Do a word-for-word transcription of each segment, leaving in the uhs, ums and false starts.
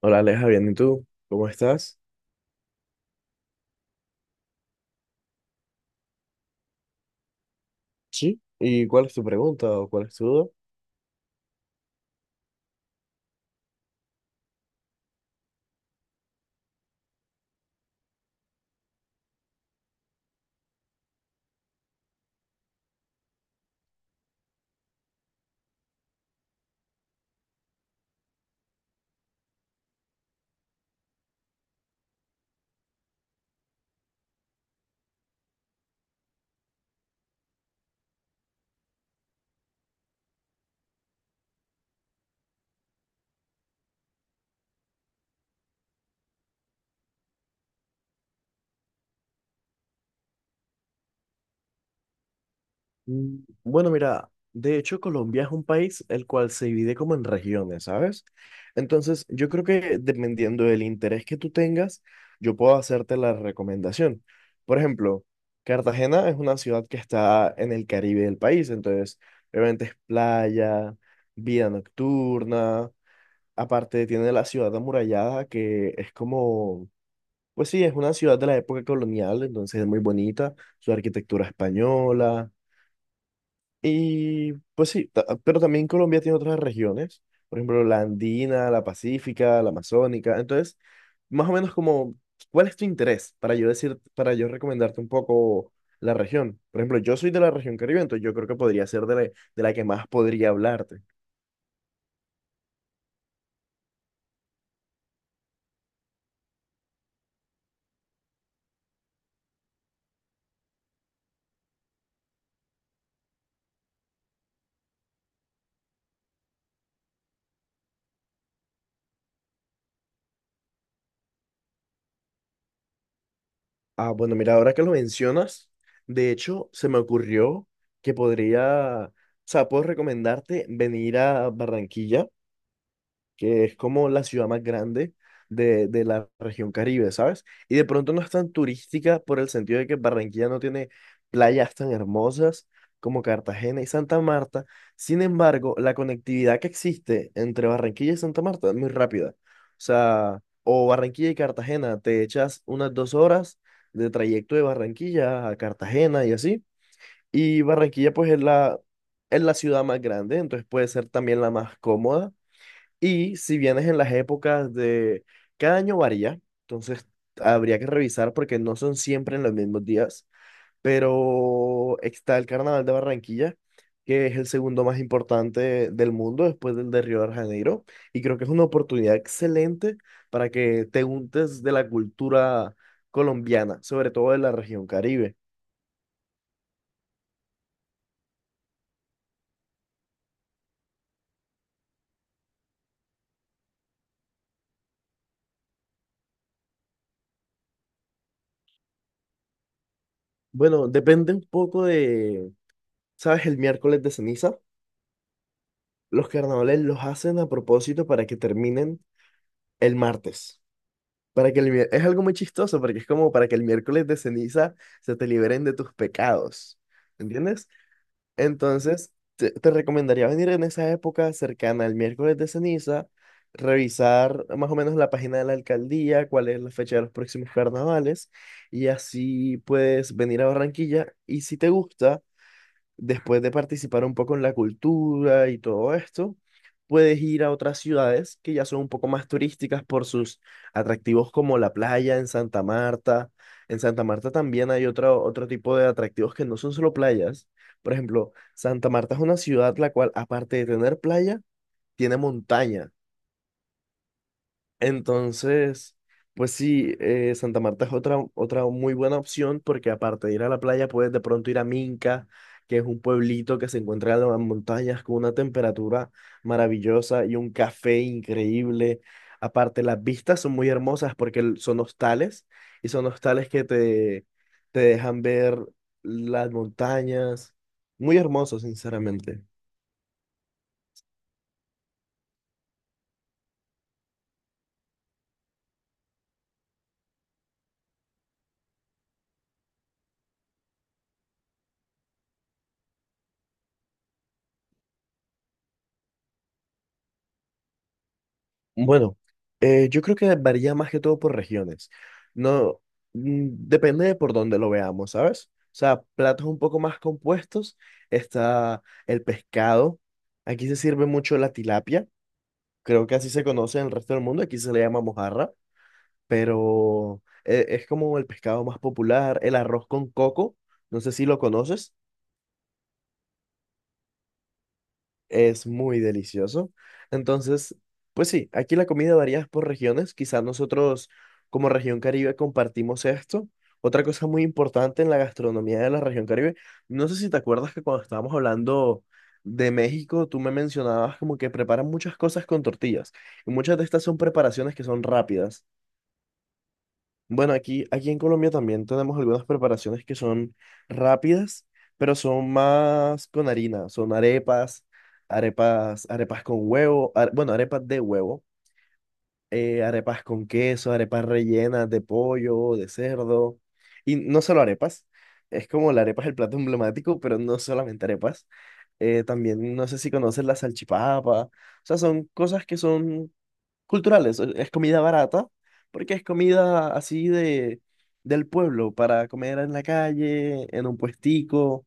Hola Aleja, bien, ¿y tú? ¿Cómo estás? Sí, ¿y cuál es tu pregunta o cuál es tu duda? mm, bueno, mira, de hecho Colombia es un país el cual se divide como en regiones, ¿sabes? Entonces, yo creo que dependiendo del interés que tú tengas, yo puedo hacerte la recomendación. Por ejemplo, Cartagena es una ciudad que está en el Caribe del país, entonces, obviamente es playa, vida nocturna, aparte tiene la ciudad amurallada que es como... Pues sí, es una ciudad de la época colonial, entonces es muy bonita, su arquitectura española. Y pues sí, ta- pero también Colombia tiene otras regiones, por ejemplo, la andina, la pacífica, la amazónica. Entonces, más o menos como, ¿cuál es tu interés para yo decir, para yo recomendarte un poco la región? Por ejemplo, yo soy de la región Caribe, entonces yo creo que podría ser de la, de la que más podría hablarte. Ah, bueno, mira, ahora que lo mencionas, de hecho, se me ocurrió que podría, o sea, puedo recomendarte venir a Barranquilla, que es como la ciudad más grande de, de la región Caribe, ¿sabes? Y de pronto no es tan turística por el sentido de que Barranquilla no tiene playas tan hermosas como Cartagena y Santa Marta. Sin embargo, la conectividad que existe entre Barranquilla y Santa Marta es muy rápida. O sea, o Barranquilla y Cartagena, te echas unas dos horas de trayecto de Barranquilla a Cartagena y así. Y Barranquilla pues es la, es la, ciudad más grande, entonces puede ser también la más cómoda y si vienes en las épocas de... Cada año varía, entonces habría que revisar porque no son siempre en los mismos días, pero está el Carnaval de Barranquilla, que es el segundo más importante del mundo después del de Río de Janeiro, y creo que es una oportunidad excelente para que te untes de la cultura colombiana, sobre todo de la región Caribe. Bueno, depende un poco de, ¿sabes? El miércoles de ceniza. Los carnavales los hacen a propósito para que terminen el martes. Para que el mier- es algo muy chistoso porque es como para que el miércoles de ceniza se te liberen de tus pecados. ¿Entiendes? Entonces, te, te recomendaría venir en esa época cercana al miércoles de ceniza, revisar más o menos la página de la alcaldía, cuál es la fecha de los próximos carnavales, y así puedes venir a Barranquilla. Y si te gusta después de participar un poco en la cultura y todo esto, puedes ir a otras ciudades que ya son un poco más turísticas por sus atractivos como la playa en Santa Marta. En Santa Marta también hay otro, otro tipo de atractivos que no son solo playas. Por ejemplo, Santa Marta es una ciudad la cual, aparte de tener playa, tiene montaña. Entonces, pues sí, eh, Santa Marta es otra, otra muy buena opción porque aparte de ir a la playa, puedes de pronto ir a Minca, que es un pueblito que se encuentra en las montañas con una temperatura maravillosa y un café increíble. Aparte, las vistas son muy hermosas porque el- son hostales y son hostales que te, te dejan ver las montañas. Muy hermoso, sinceramente. Bueno, eh, yo creo que varía más que todo por regiones. No, mm, depende de por dónde lo veamos, ¿sabes? O sea, platos un poco más compuestos, está el pescado. Aquí se sirve mucho la tilapia. Creo que así se conoce en el resto del mundo. Aquí se le llama mojarra, pero eh, es como el pescado más popular. El arroz con coco, no sé si lo conoces. Es muy delicioso. Entonces, pues sí, aquí la comida varía por regiones. Quizás nosotros como región Caribe compartimos esto. Otra cosa muy importante en la gastronomía de la región Caribe, no sé si te acuerdas que cuando estábamos hablando de México, tú me mencionabas como que preparan muchas cosas con tortillas y muchas de estas son preparaciones que son rápidas. Bueno, aquí, aquí en Colombia también tenemos algunas preparaciones que son rápidas, pero son más con harina. Son arepas, arepas, arepas con huevo, are- bueno, arepas de huevo, eh, arepas con queso, arepas rellenas de pollo, de cerdo. Y no solo arepas, es como la arepa es el plato emblemático, pero no solamente arepas. Eh, también no sé si conoces la salchipapa. O sea, son cosas que son culturales. Es es comida barata, porque es comida así de, del pueblo, para comer en la calle, en un puestico.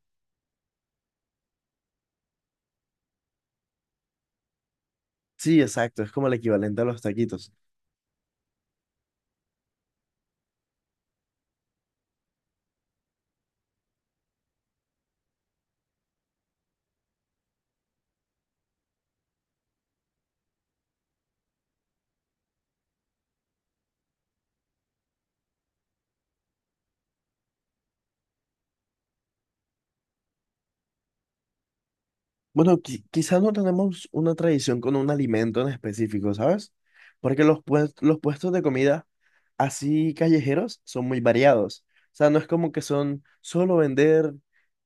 Sí, exacto, es como el equivalente a los taquitos. Bueno, qui- quizás no tenemos una tradición con un alimento en específico, ¿sabes? Porque los, pues- los puestos de comida así callejeros son muy variados. O sea, no es como que son solo vender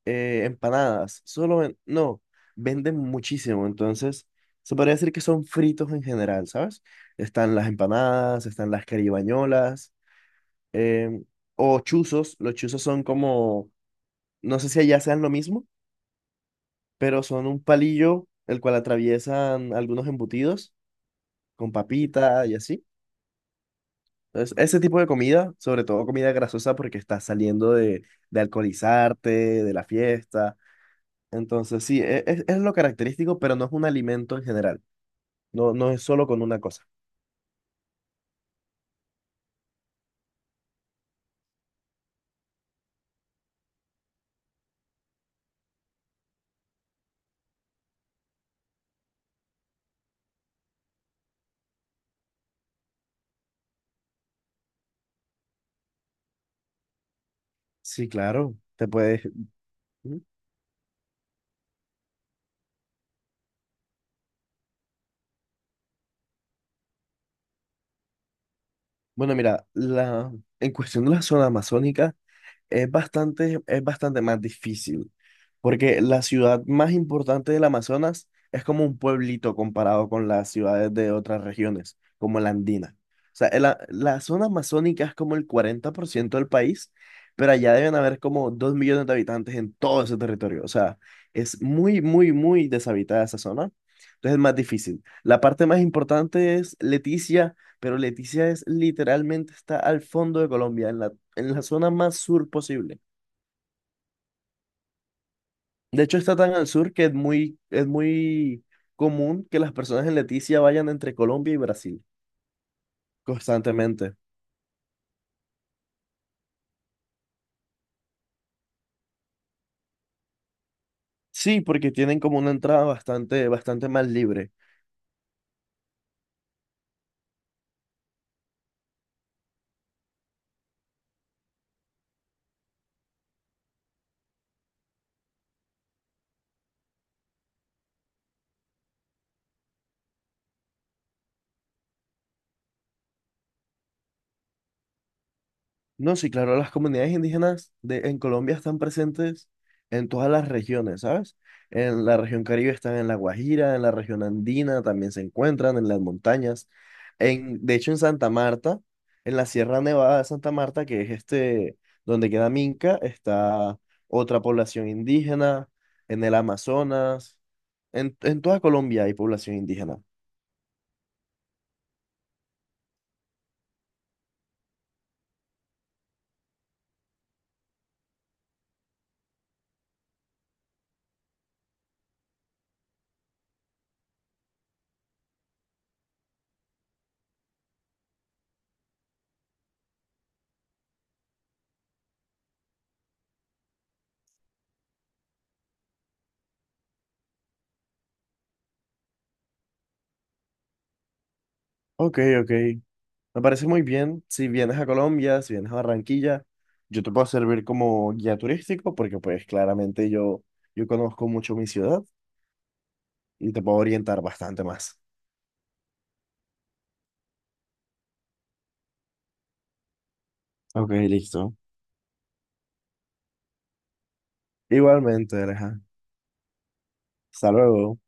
eh, empanadas, solo ven- no, venden muchísimo. Entonces, se podría decir que son fritos en general, ¿sabes? Están las empanadas, están las caribañolas, em, o chuzos. Los chuzos son como, no sé si allá sean lo mismo, pero son un palillo el cual atraviesan algunos embutidos con papita y así. Entonces, ese tipo de comida, sobre todo comida grasosa porque estás saliendo de, de alcoholizarte, de la fiesta. Entonces, sí, e- es, es lo característico, pero no es un alimento en general. No, no es solo con una cosa. Sí, claro, te puedes... Ujú. Bueno, mira, la, en cuestión de la zona amazónica es bastante, es bastante más difícil. Porque la ciudad más importante del Amazonas es como un pueblito comparado con las ciudades de otras regiones, como la andina. O sea, el a- la zona amazónica es como el cuarenta por ciento del país, pero allá deben haber como dos millones de habitantes en todo ese territorio. O sea, es muy, muy, muy deshabitada esa zona. Entonces es más difícil. La parte más importante es Leticia, pero Leticia es literalmente está al fondo de Colombia, en la, en la zona más sur posible. De hecho, está tan al sur que es muy, es muy común que las personas en Leticia vayan entre Colombia y Brasil constantemente. Sí, porque tienen como una entrada bastante, bastante más libre. No, sí, claro, las comunidades indígenas de, en Colombia están presentes en todas las regiones, ¿sabes? En la región Caribe están en La Guajira, en la región andina también se encuentran, en las montañas. En, de hecho, en Santa Marta, en la Sierra Nevada de Santa Marta, que es este, donde queda Minca, está otra población indígena, en el Amazonas, en, en toda Colombia hay población indígena. Ok, ok, me parece muy bien. Si vienes a Colombia, si vienes a Barranquilla, yo te puedo servir como guía turístico, porque pues claramente yo, yo conozco mucho mi ciudad y te puedo orientar bastante más. Ok, listo. Igualmente, Aleja. Hasta luego.